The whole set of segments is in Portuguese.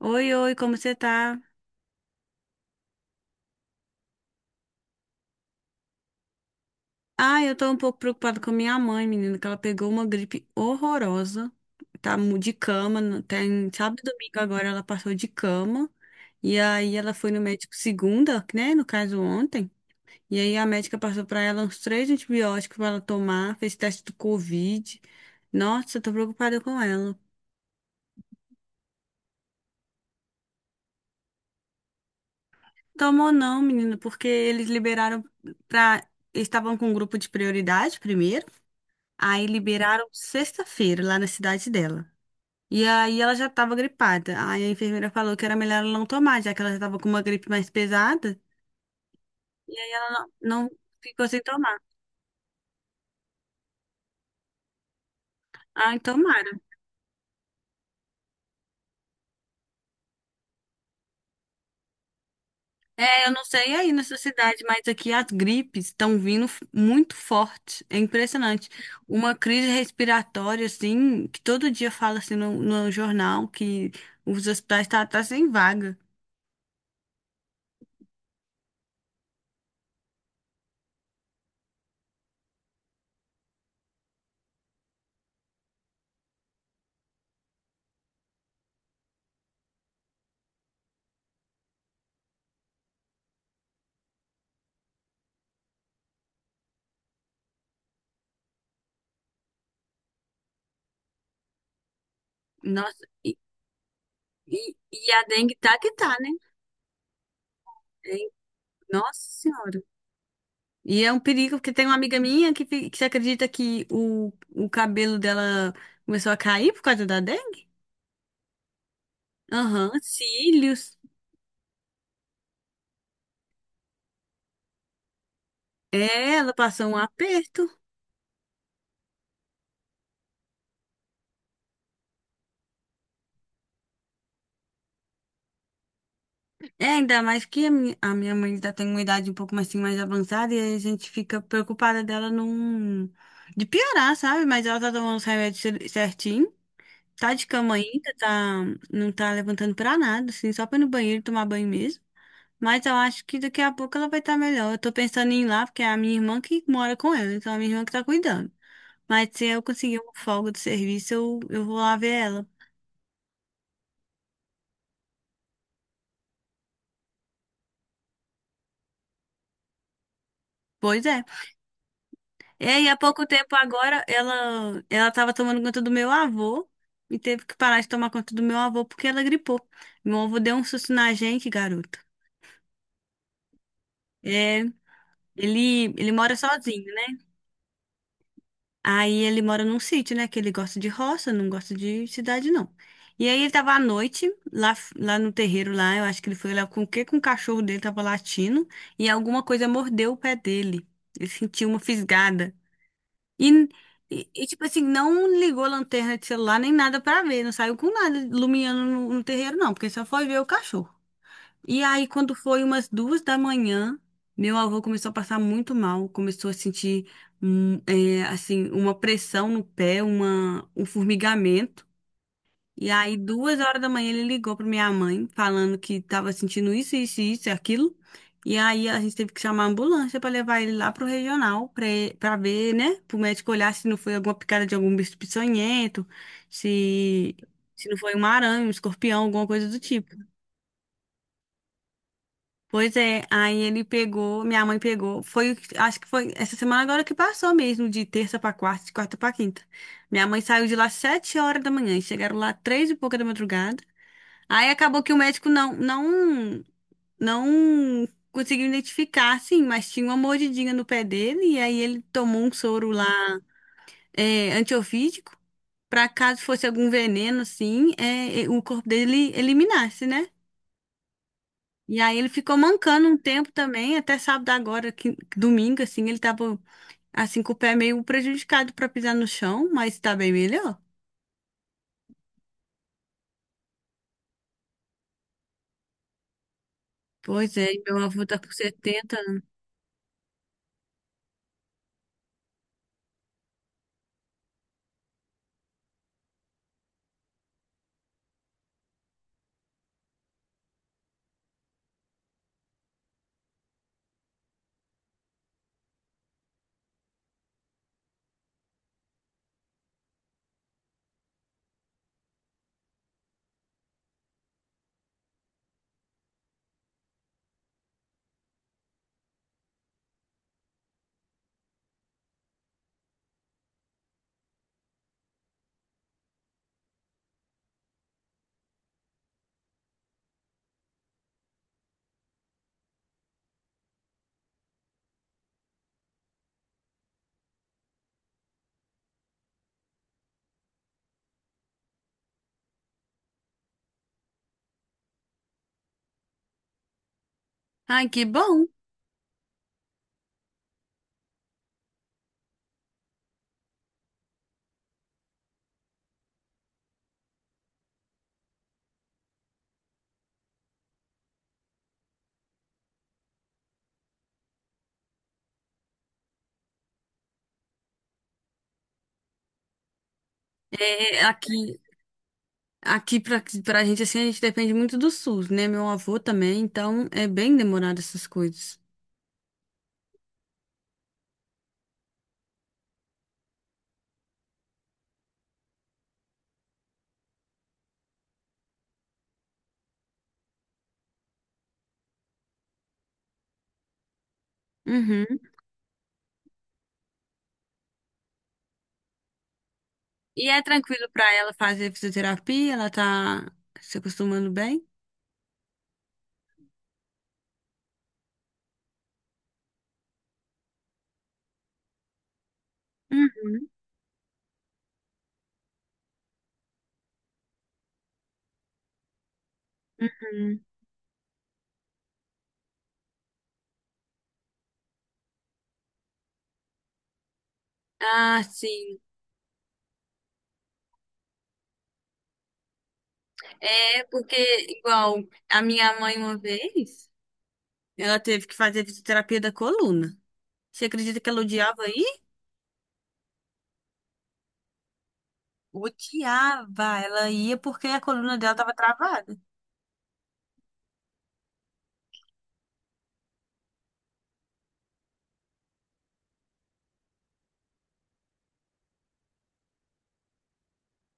Oi, oi, como você tá? Ah, eu tô um pouco preocupada com a minha mãe, menina, que ela pegou uma gripe horrorosa. Tá de cama, tem sábado e domingo agora ela passou de cama. E aí ela foi no médico segunda, né, no caso ontem. E aí a médica passou pra ela uns três antibióticos pra ela tomar, fez teste do Covid. Nossa, eu tô preocupada com ela. Tomou não, menina, porque eles liberaram pra. Eles estavam com um grupo de prioridade primeiro. Aí liberaram sexta-feira lá na cidade dela. E aí ela já estava gripada. Aí a enfermeira falou que era melhor ela não tomar, já que ela já estava com uma gripe mais pesada. E aí ela não ficou sem tomar. Ai, tomara. É, eu não sei aí nessa cidade, mas aqui as gripes estão vindo muito forte. É impressionante. Uma crise respiratória, assim, que todo dia fala assim no jornal que os hospitais tá sem vaga. Nossa, e a dengue tá que tá, né? É, Nossa Senhora. E é um perigo, porque tem uma amiga minha que acredita que o cabelo dela começou a cair por causa da dengue. Aham, cílios. É, ela passou um aperto. É, ainda mais que a minha mãe ainda tem uma idade um pouco mais, assim, mais avançada e aí a gente fica preocupada dela não, de piorar, sabe? Mas ela tá tomando os remédios certinho. Tá de cama ainda, tá, não tá levantando pra nada, assim, só pra ir no banheiro tomar banho mesmo. Mas eu acho que daqui a pouco ela vai estar melhor. Eu tô pensando em ir lá, porque é a minha irmã que mora com ela, então é a minha irmã que tá cuidando. Mas se eu conseguir uma folga do serviço, eu vou lá ver ela. Pois é. E aí, há pouco tempo agora, ela tava tomando conta do meu avô e teve que parar de tomar conta do meu avô porque ela gripou. Meu avô deu um susto na gente, garoto. É, ele mora sozinho, né? Aí ele mora num sítio, né? Que ele gosta de roça, não gosta de cidade, não. E aí ele tava à noite, lá no terreiro, lá, eu acho que ele foi lá com o quê? Com o cachorro dele, tava latindo, e alguma coisa mordeu o pé dele. Ele sentiu uma fisgada. E, e tipo assim, não ligou a lanterna de celular nem nada pra ver, não saiu com nada iluminando no terreiro, não, porque só foi ver o cachorro. E aí, quando foi umas 2 da manhã, meu avô começou a passar muito mal, começou a sentir, é, assim, uma pressão no pé, uma, um formigamento. E aí, 2 horas da manhã, ele ligou para minha mãe, falando que estava sentindo isso, isso, isso e aquilo. E aí, a gente teve que chamar a ambulância para levar ele lá pro regional, para ver, né, para o médico olhar se não foi alguma picada de algum bicho peçonhento, se, se não foi uma aranha, um escorpião, alguma coisa do tipo. Pois é, aí ele pegou, minha mãe pegou, foi, acho que foi essa semana agora que passou mesmo, de terça pra quarta, de quarta pra quinta. Minha mãe saiu de lá 7 horas da manhã, e chegaram lá 3 e pouca da madrugada. Aí acabou que o médico não conseguiu identificar, sim, mas tinha uma mordidinha no pé dele, e aí ele tomou um soro lá, é, antiofídico, pra caso fosse algum veneno, assim, o corpo dele eliminasse, né? E aí ele ficou mancando um tempo também, até sábado agora, que, domingo, assim, ele tava, assim, com o pé meio prejudicado pra pisar no chão, mas tá bem melhor. Pois é, e meu avô tá com 70 anos. Ai, que bom. É, aqui pra gente, assim, a gente depende muito do SUS, né? Meu avô também, então é bem demorado essas coisas. Uhum. E é tranquilo pra ela fazer fisioterapia? Ela tá se acostumando bem? Uhum. Ah, sim. É porque, igual, a minha mãe uma vez, ela teve que fazer fisioterapia da coluna. Você acredita que ela odiava ir? Odiava. Ela ia porque a coluna dela tava travada.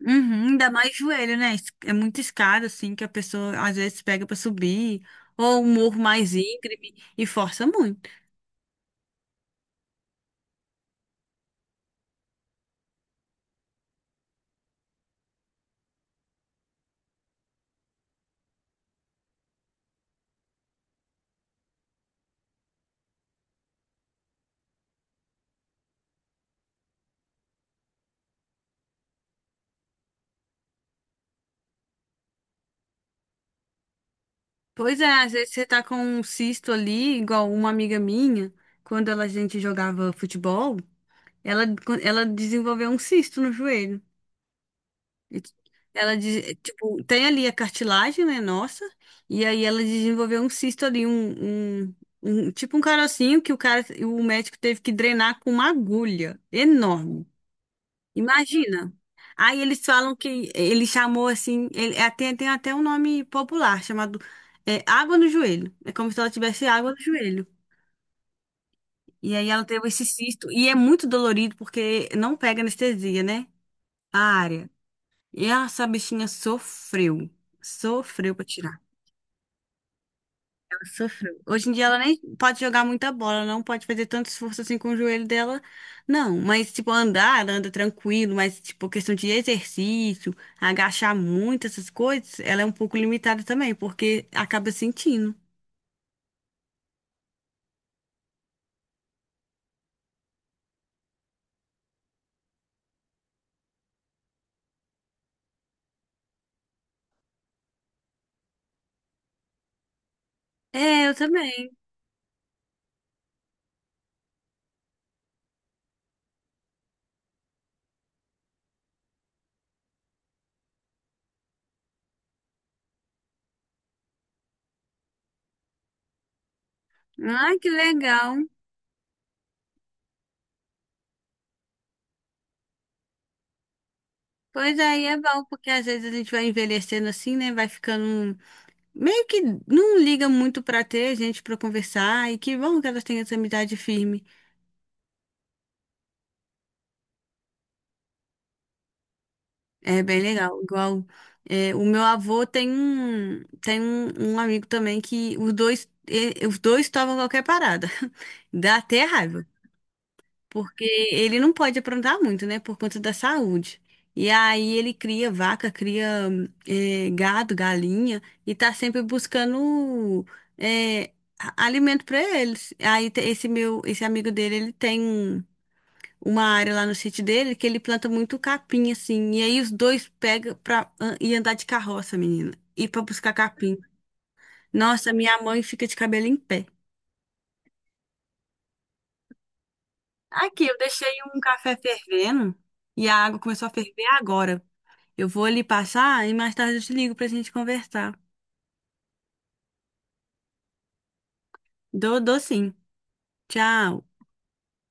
Uhum, ainda mais joelho, né? É muito escada, assim, que a pessoa às vezes pega pra subir, ou um morro mais íngreme e força muito. Pois é, às vezes você tá com um cisto ali, igual uma amiga minha, quando a gente jogava futebol, ela, ela desenvolveu um cisto no joelho. E ela, tipo, tem ali a cartilagem, né, nossa, e aí ela desenvolveu um cisto ali, tipo um carocinho que o cara, o médico teve que drenar com uma agulha enorme. Imagina. Aí eles falam que ele chamou assim, ele é, tem até um nome popular chamado água no joelho. É como se ela tivesse água no joelho. E aí ela teve esse cisto e é muito dolorido porque não pega anestesia, né? A área. E essa bichinha sofreu. Sofreu pra tirar. Ela sofreu. Hoje em dia ela nem pode jogar muita bola, não pode fazer tanto esforço assim com o joelho dela, não. Mas, tipo, andar, ela anda tranquilo, mas, tipo, questão de exercício, agachar muito, essas coisas, ela é um pouco limitada também, porque acaba sentindo. É, eu também. Ai, que legal. Pois aí é bom, porque às vezes a gente vai envelhecendo assim, né? Vai ficando um meio que não liga muito pra ter gente pra conversar e que bom que elas têm essa amizade firme. É bem legal. Igual o meu avô tem um amigo também que os dois tomam qualquer parada. Dá até raiva. Porque ele não pode aprontar muito, né, por conta da saúde. E aí ele cria vaca, cria gado, galinha, e tá sempre buscando eh, alimento para eles. Aí esse meu, esse amigo dele, ele tem uma área lá no sítio dele que ele planta muito capim, assim. E aí os dois pegam pra ir andar de carroça, menina, e para buscar capim. Nossa, minha mãe fica de cabelo em pé. Aqui, eu deixei um café fervendo e a água começou a ferver agora. Eu vou lhe passar e mais tarde eu te ligo pra gente conversar. Dou, dou sim. Tchau.